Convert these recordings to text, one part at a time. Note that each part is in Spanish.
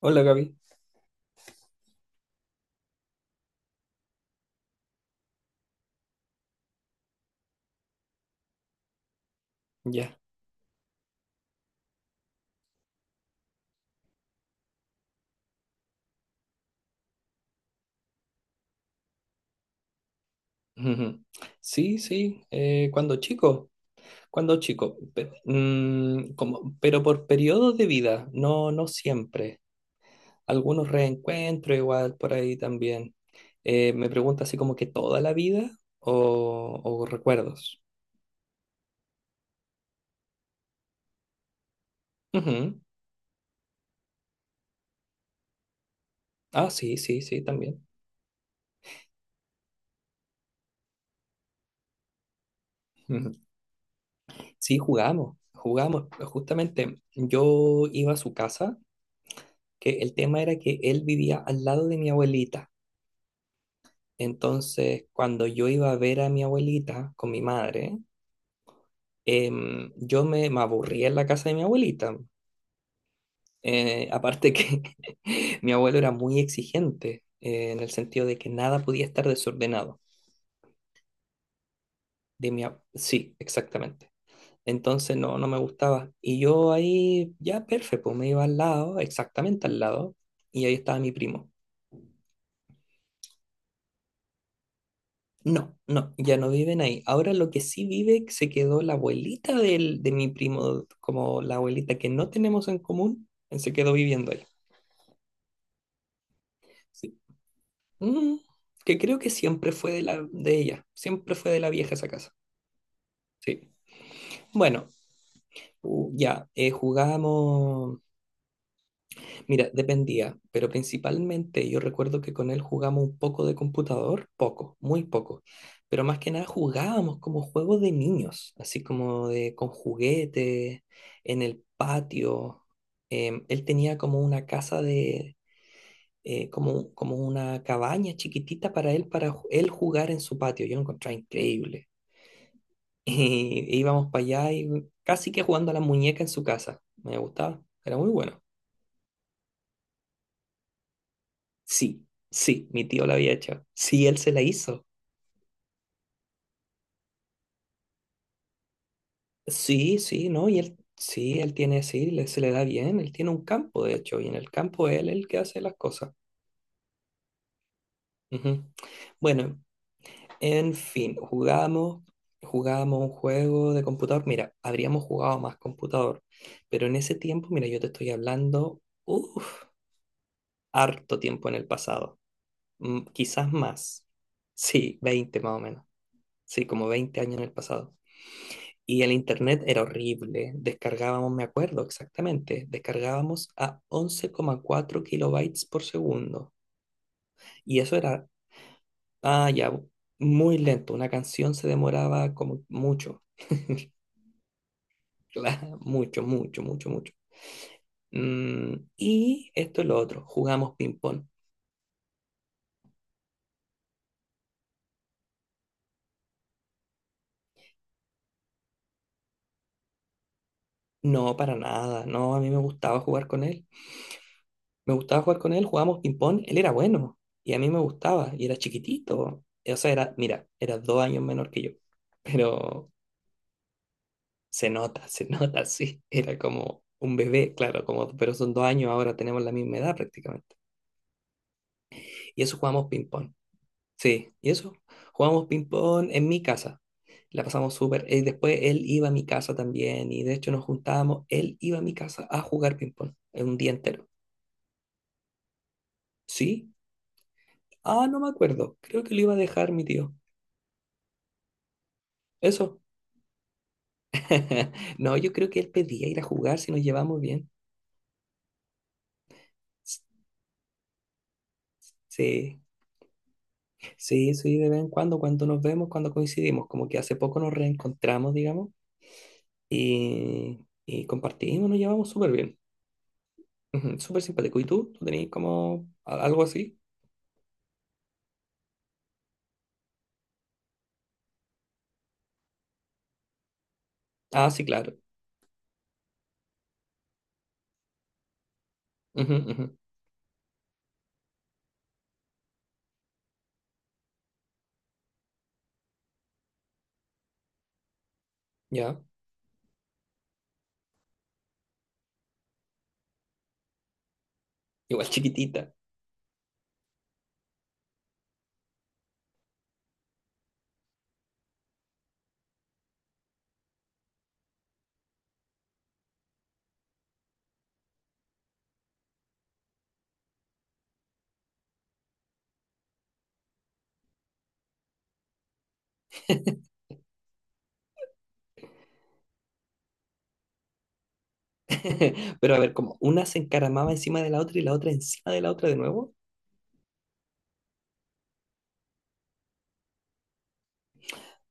Hola Gaby, ya. Ujú. Sí, sí, cuando chico, como, pero por periodos de vida, no, no siempre. Algunos reencuentros igual por ahí también. Me pregunta así como que toda la vida o recuerdos. Ujú. Ah, sí, sí, sí, también. Ujú. Sí, jugamos, jugamos. Justamente yo iba a su casa, que el tema era que él vivía al lado de mi abuelita. Entonces, cuando yo iba a ver a mi abuelita con mi madre, yo me aburría en la casa de mi abuelita. Aparte que mi abuelo era muy exigente, en el sentido de que nada podía estar desordenado. De mi, sí, exactamente. Entonces no, no me gustaba. Y yo ahí, ya perfecto, me iba al lado, exactamente al lado, y ahí estaba mi primo. No, no, ya no viven ahí. Ahora lo que sí vive se quedó la abuelita de mi primo, como la abuelita que no tenemos en común, se quedó viviendo ahí. Sí. Mm, que creo que siempre fue de la, de ella, siempre fue de la vieja esa casa. Sí. Bueno, ya, jugamos. Mira, dependía, pero principalmente yo recuerdo que con él jugamos un poco de computador, poco, muy poco, pero más que nada jugábamos como juegos de niños, así como de con juguetes, en el patio. Él tenía como una casa de, como una cabaña chiquitita para él, para él jugar en su patio. Yo lo encontraba increíble. Y íbamos para allá y casi que jugando a la muñeca en su casa. Me gustaba, era muy bueno. Sí, sí, mi tío la había hecho. Sí, él se la hizo. Sí, sí, ¿no? Y él, sí, él tiene, sí, se le da bien. Él tiene un campo, de hecho, y en el campo él es el que hace las cosas. Ujú. Bueno, en fin, jugamos, jugamos un juego de computador. Mira, habríamos jugado más computador, pero en ese tiempo, mira, yo te estoy hablando, uff, harto tiempo en el pasado. Quizás más. Sí, 20 más o menos. Sí, como 20 años en el pasado. Y el internet era horrible. Descargábamos, me acuerdo exactamente, descargábamos a 11,4 kilobytes por segundo. Y eso era, ah, ya, muy lento. Una canción se demoraba como mucho. Claro, mucho, mucho, mucho, mucho. Y esto es lo otro, jugamos ping-pong. No, para nada, no, a mí me gustaba jugar con él. Me gustaba jugar con él, jugábamos ping-pong, él era bueno y a mí me gustaba y era chiquitito. O sea, era, mira, era 2 años menor que yo, pero se nota, se nota, sí. Era como un bebé, claro, como, pero son 2 años, ahora tenemos la misma edad prácticamente. Y eso jugamos ping-pong. Sí, y eso, jugamos ping-pong en mi casa. La pasamos súper. Y después él iba a mi casa también. Y de hecho nos juntábamos, él iba a mi casa a jugar ping-pong en un día entero. ¿Sí? Ah, no me acuerdo. Creo que lo iba a dejar mi tío. Eso. No, yo creo que él pedía ir a jugar si nos llevamos bien. Sí. Sí, sí, de vez en cuando, cuando nos vemos, cuando coincidimos, como que hace poco nos reencontramos, digamos, y, y compartimos, nos llevamos súper bien. Ujú, súper simpático. ¿Y tú? ¿Tú tenías como algo así? Ah, sí, claro. Ujú, ujú, ya, igual chiquitita. Pero a ver, como una se encaramaba encima de la otra y la otra encima de la otra de nuevo.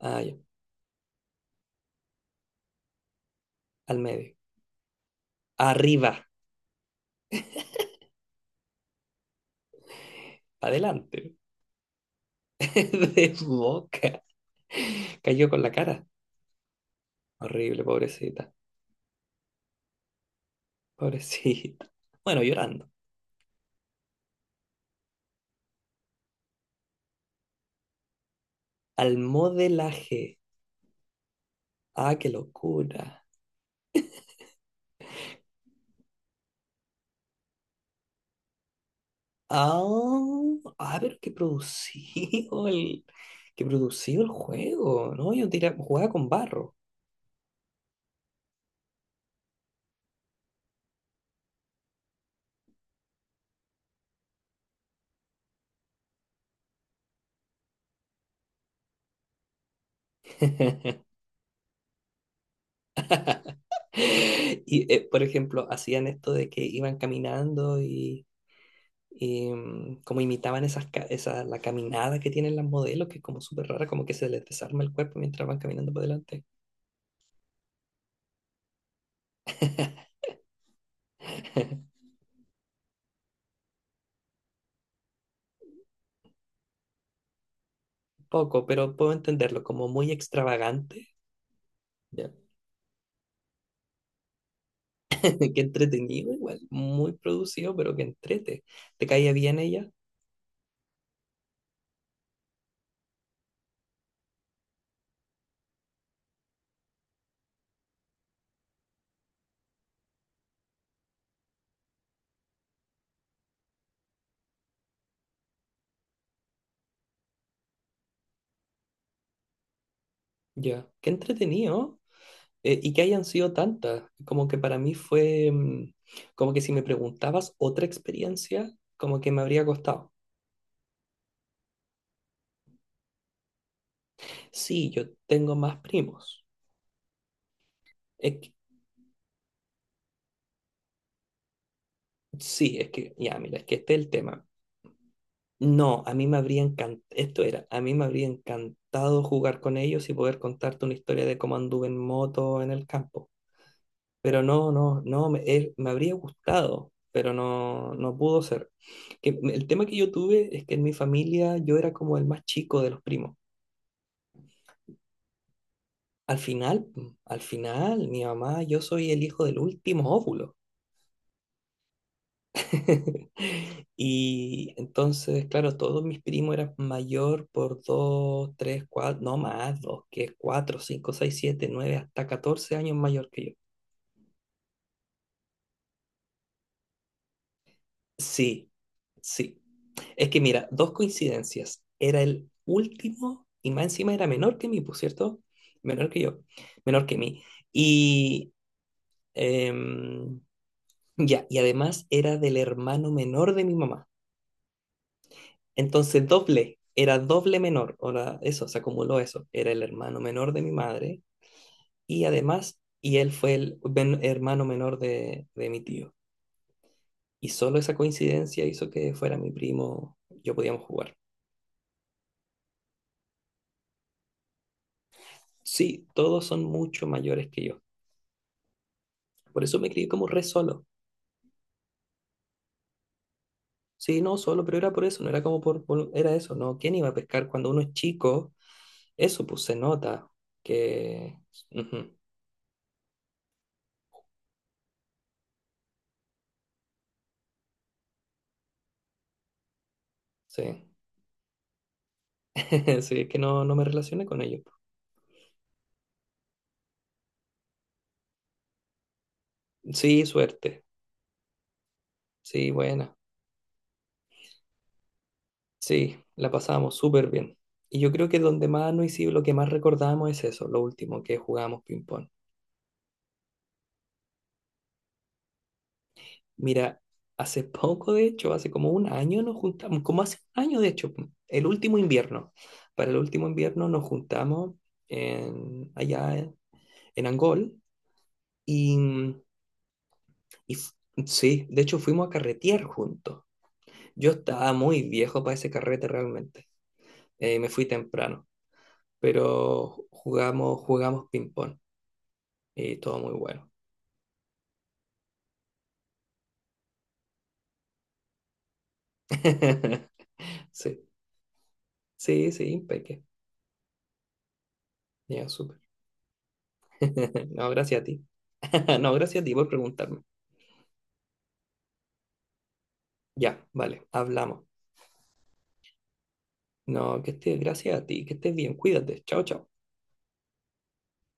Ah, ya, al medio. Arriba, adelante, de boca. Cayó con la cara. Horrible, pobrecita, pobrecita. Bueno, llorando. Al modelaje. Ah, qué locura. Ah, ah, pero qué producido el juego, ¿no? Yo jugaba con barro. Y, por ejemplo, hacían esto de que iban caminando y, como imitaban esas, esa, la caminada que tienen las modelos, que es como súper rara, como que se les desarma el cuerpo mientras van caminando por delante. Poco, pero puedo entenderlo, como muy extravagante. Qué entretenido, igual. Muy producido, pero qué entrete. ¿Te caía bien ella? Ya. Qué entretenido. Y que hayan sido tantas. Como que para mí fue. Como que si me preguntabas otra experiencia, como que me habría costado. Sí, yo tengo más primos. Es que- sí, es que. Ya, mira, es que este es el tema. No, a mí me habría encantado. Esto era. A mí me habría encantado jugar con ellos y poder contarte una historia de cómo anduve en moto en el campo. Pero no, no, no, me habría gustado, pero no, no pudo ser. El tema que yo tuve es que en mi familia yo era como el más chico de los primos. Al final, mi mamá, yo soy el hijo del último óvulo. Y entonces, claro, todos mis primos eran mayor por 2 3 4 no más, 2 que 4 5 6 7 9 hasta 14 años mayor que yo. Sí, sí. Es que mira, dos coincidencias. Era el último y más encima era menor que mí, por cierto. Menor que yo. Menor que mí. Y em, ya, y además era del hermano menor de mi mamá. Entonces doble, era doble menor. Ahora eso, se acumuló eso. Era el hermano menor de mi madre y además, y él fue el hermano menor de mi tío. Y solo esa coincidencia hizo que fuera mi primo, yo podíamos jugar. Sí, todos son mucho mayores que yo. Por eso me crié como re solo. Sí, no, solo, pero era por eso, no era como era eso, ¿no? ¿Quién iba a pescar cuando uno es chico? Eso, pues se nota que. Ujú, sí, sí, es que no, no me relacioné con ellos. Sí, suerte, sí, buena, sí, la pasamos súper bien. Y yo creo que donde más nos hicimos, lo que más recordamos es eso, lo último, que jugamos ping-pong. Mira, hace poco, de hecho, hace como un año nos juntamos, como hace un año, de hecho, el último invierno. Para el último invierno nos juntamos allá en Angol y, mm, y f- sí, de hecho fuimos a carretear juntos. Yo estaba muy viejo para ese carrete realmente. Me fui temprano, pero jugamos, jugamos ping-pong y todo muy bueno. Sí, sí, sí, impeque. Ya, súper. No, gracias a ti. No, gracias a ti por preguntarme. Ya, vale, hablamos. No, que estés, gracias a ti, que estés bien, cuídate, chao, chao.